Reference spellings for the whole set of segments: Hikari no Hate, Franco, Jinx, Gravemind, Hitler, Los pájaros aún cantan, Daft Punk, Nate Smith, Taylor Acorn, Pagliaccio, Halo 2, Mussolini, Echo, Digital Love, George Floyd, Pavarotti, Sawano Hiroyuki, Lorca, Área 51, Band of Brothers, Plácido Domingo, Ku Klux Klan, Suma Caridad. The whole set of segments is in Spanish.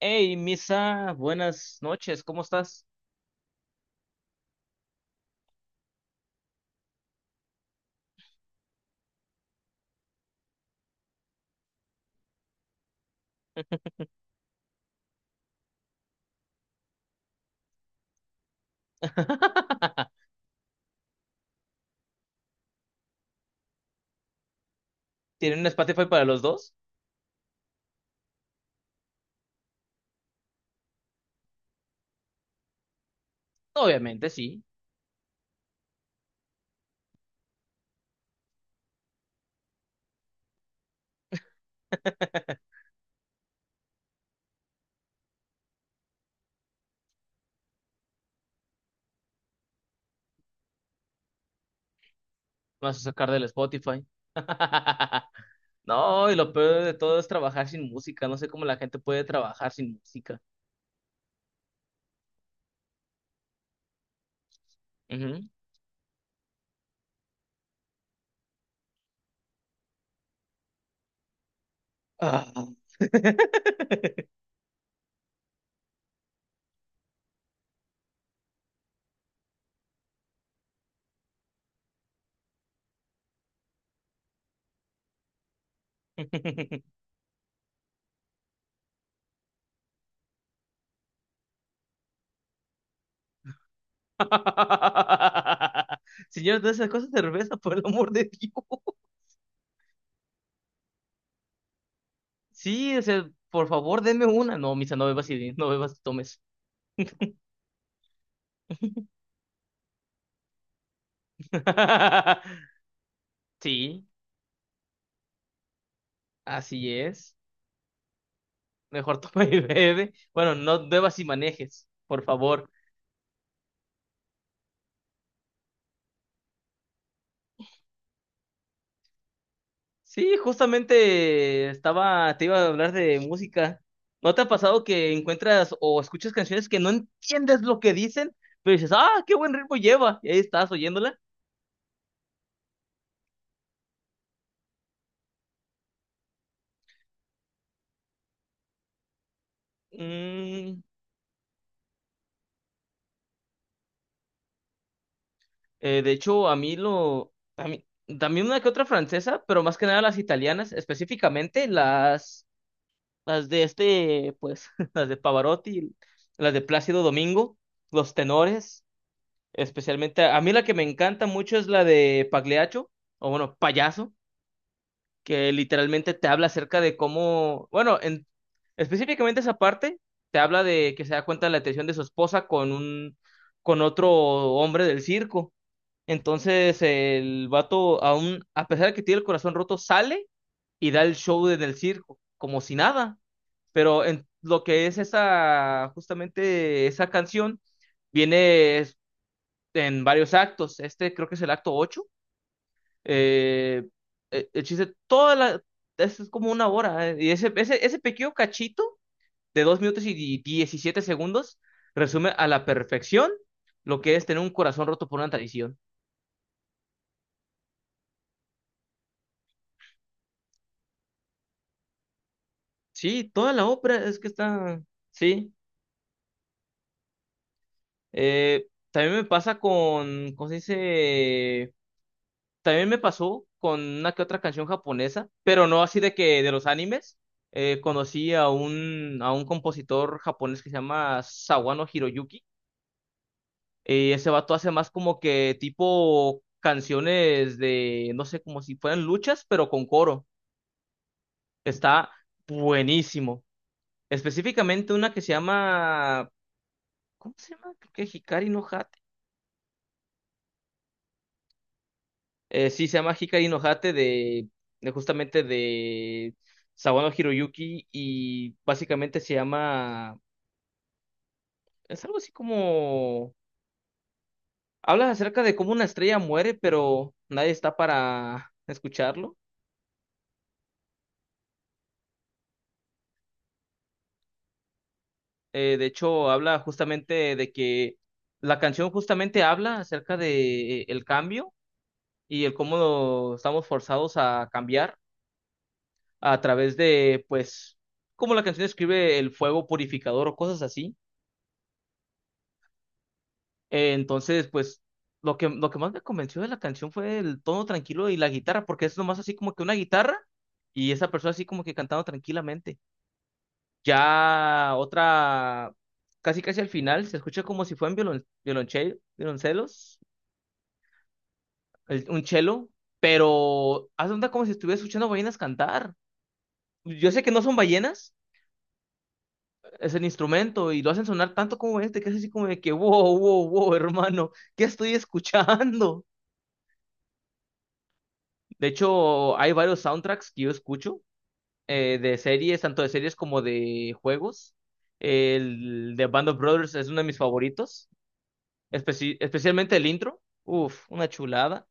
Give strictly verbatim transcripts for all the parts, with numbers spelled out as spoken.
Hey, Misa, buenas noches, ¿cómo estás? ¿Tienen un Spotify para los dos? Obviamente, sí. Me vas a sacar del Spotify. No, y lo peor de todo es trabajar sin música. No sé cómo la gente puede trabajar sin música. Ujú. Ah. Señor, de esas cosas cerveza, por el amor de Dios. Sí, o sea, por favor, denme una. No, Misa, no bebas y no bebas y tomes. Sí. Así es. Mejor toma y bebe. Bueno, no bebas y manejes, por favor. Sí, justamente estaba, te iba a hablar de música. ¿No te ha pasado que encuentras o escuchas canciones que no entiendes lo que dicen, pero dices, ah, qué buen ritmo lleva? Y ahí estás oyéndola. Mm, eh, de hecho, a mí lo... a mí, también una que otra francesa, pero más que nada las italianas, específicamente las... Las de este, pues, las de Pavarotti, las de Plácido Domingo, los tenores, especialmente. A mí la que me encanta mucho es la de Pagliaccio, o bueno, Payaso, que literalmente te habla acerca de cómo, bueno, en, específicamente esa parte, te habla de que se da cuenta de la atención de su esposa con un, con otro hombre del circo. Entonces el vato, aún, a pesar de que tiene el corazón roto, sale y da el show en el circo, como si nada, pero en lo que es esa, justamente esa canción, viene es- en varios actos. Este creo que es el acto ocho. Eh, eh, el chiste, toda la, es es como una hora. Eh, Y ese, ese, ese pequeño cachito de dos minutos y diecisiete segundos resume a la perfección lo que es tener un corazón roto por una tradición. Sí, toda la obra es que está. Sí. Eh, también me pasa con, ¿cómo se dice? También me pasó con una que otra canción japonesa, pero no así de que de los animes. Eh, conocí a un, a un compositor japonés que se llama Sawano Hiroyuki. Eh, ese vato hace más como que tipo canciones de, no sé, como si fueran luchas, pero con coro. Está buenísimo. Específicamente una que se llama, ¿cómo se llama? Creo que Hikari no... Eh, sí, se llama Hikari no Hate de, de justamente de Sawano Hiroyuki, y básicamente se llama, es algo así como, habla acerca de cómo una estrella muere, pero nadie está para escucharlo. Eh, de hecho, habla justamente de que la canción justamente habla acerca de eh, el cambio, y el cómo lo- estamos forzados a cambiar a través de, pues, como la canción describe el fuego purificador o cosas así. Eh, entonces, pues, lo que, lo que más me convenció de la canción fue el tono tranquilo y la guitarra, porque es nomás así como que una guitarra y esa persona así como que cantando tranquilamente. Ya otra, casi casi al final, se escucha como si fueran violon, violonche- violoncelos, el- un cello, pero haz de cuenta como si estuviera escuchando ballenas cantar. Yo sé que no son ballenas, es el instrumento y lo hacen sonar tanto como este, que es así como de que, wow, wow, wow, hermano, ¿qué estoy escuchando? De hecho, hay varios soundtracks que yo escucho, eh, de series, tanto de series como de juegos. El de Band of Brothers es uno de mis favoritos, especi- especialmente el intro. Uf, una chulada.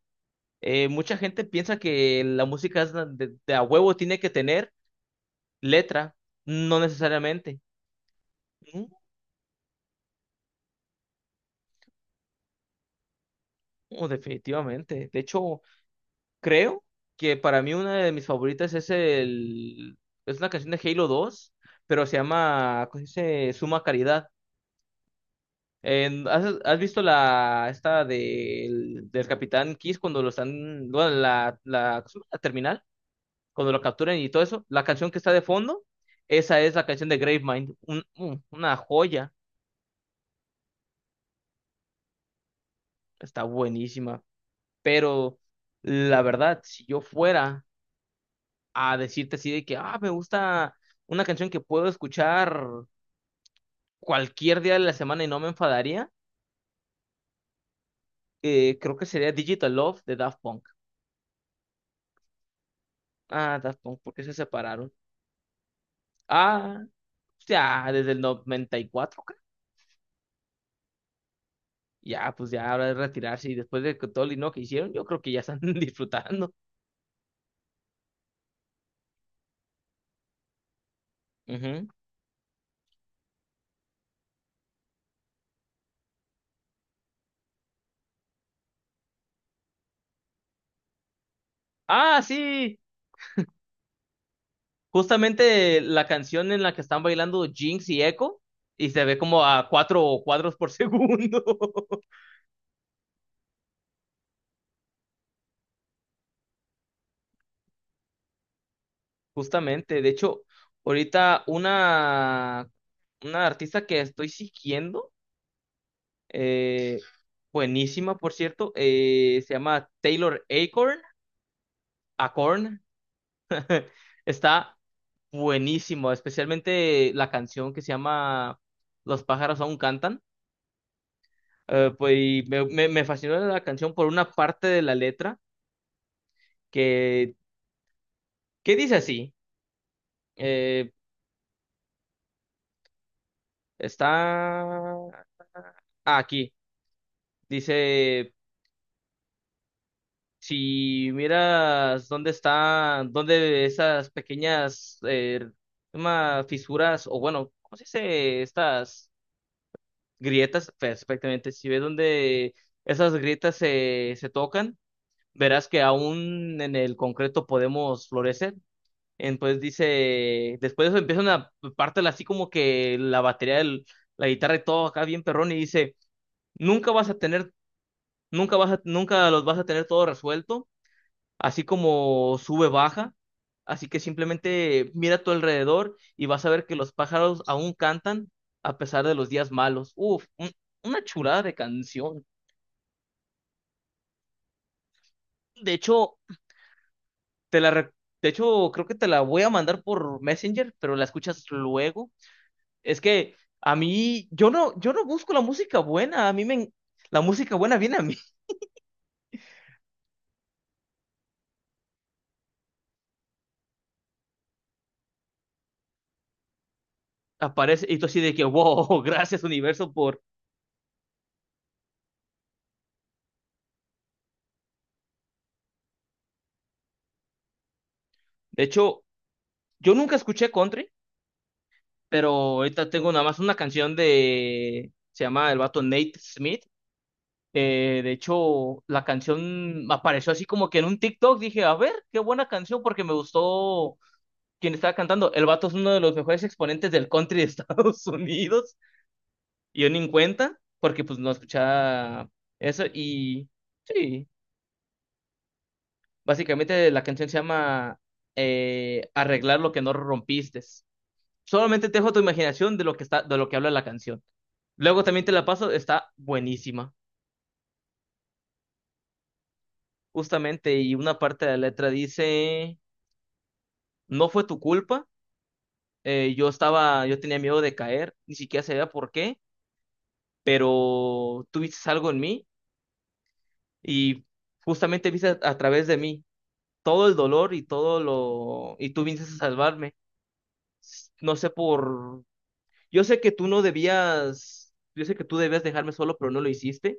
Eh, mucha gente piensa que la música es la de, de a huevo tiene que tener letra, no necesariamente. No, definitivamente. De hecho, creo que para mí una de mis favoritas es el es una canción de Halo dos, pero se llama, ¿cómo se dice? Suma Caridad. En- ¿has, has visto la esta del, del Capitán Kiss cuando lo están, bueno, la, la, la terminal, cuando lo capturan y todo eso? La canción que está de fondo, esa es la canción de Gravemind, un, un- una joya, está buenísima, pero la verdad, si yo fuera a decirte así de que, ah, me gusta una canción que puedo escuchar cualquier día de la semana y no me enfadaría, eh, creo que sería Digital Love de Daft Punk. Ah, Daft Punk, ¿por qué se separaron? Ah, ya desde el noventa y cuatro, creo. Ya, pues ya ahora de retirarse y después de que todo el dinero que hicieron, yo creo que ya están disfrutando. Ujú. Ah, sí, justamente la canción en la que están bailando Jinx y Echo y se ve como a cuatro cuadros por segundo. Justamente, de hecho, ahorita una, una artista que estoy siguiendo, eh, buenísima por cierto, eh, se llama Taylor Acorn, Acorn, está buenísimo, especialmente la canción que se llama Los pájaros aún cantan. Eh, pues y me, me- me fascinó la canción por una parte de la letra que, que dice así. Eh, Está ah, aquí. Dice, si miras dónde está, dónde esas pequeñas eh, llama fisuras, o bueno, ¿cómo se dice? Estas grietas, perfectamente. Si ves dónde esas grietas se, se tocan, verás que aún en el concreto podemos florecer. Entonces dice, después de eso empieza una parte así como que la batería del- la guitarra y todo acá bien perrón, y dice, nunca vas a tener, nunca vas a, nunca los vas a tener todo resuelto, así como sube, baja. Así que simplemente mira a tu alrededor y vas a ver que los pájaros aún cantan a pesar de los días malos. Uf, un- una chulada de canción. De hecho, Te la re- De hecho, creo que te la voy a mandar por Messenger, pero la escuchas luego. Es que a mí, yo no, yo no busco la música buena, a mí me... en- la música buena viene a mí. Aparece y tú así de que, wow, gracias universo por... De hecho, yo nunca escuché country, pero ahorita tengo nada más una canción de... Se llama el vato Nate Smith. Eh, de hecho, la canción apareció así como que en un TikTok. Dije, a ver, qué buena canción porque me gustó quien estaba cantando, el vato es uno de los mejores exponentes del country de Estados Unidos. Y yo ni en cuenta, porque pues no escuchaba eso. Y sí, básicamente la canción se llama eh, Arreglar lo que no rompiste. Solamente te dejo tu imaginación de lo que está, de lo que habla la canción. Luego también te la paso, está buenísima. Justamente, y una parte de la letra dice, no fue tu culpa. eh, yo estaba, yo tenía miedo de caer, ni siquiera sabía por qué, pero tuviste algo en mí, y justamente viste a, a través de mí todo el dolor y todo lo... y tú viniste a salvarme. No sé por... Yo sé que tú no debías, yo sé que tú debías dejarme solo, pero no lo hiciste.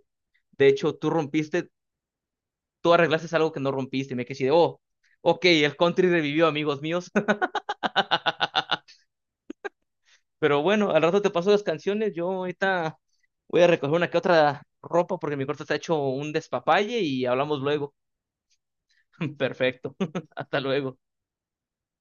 De hecho, tú rompiste, tú arreglaste algo que no rompiste. Y me quedé así de, oh, ok, el country revivió, amigos míos. Pero bueno, al rato te paso las canciones. Yo ahorita voy a recoger una que otra ropa porque mi cuarto está hecho un despapalle y hablamos luego. Perfecto. Hasta luego.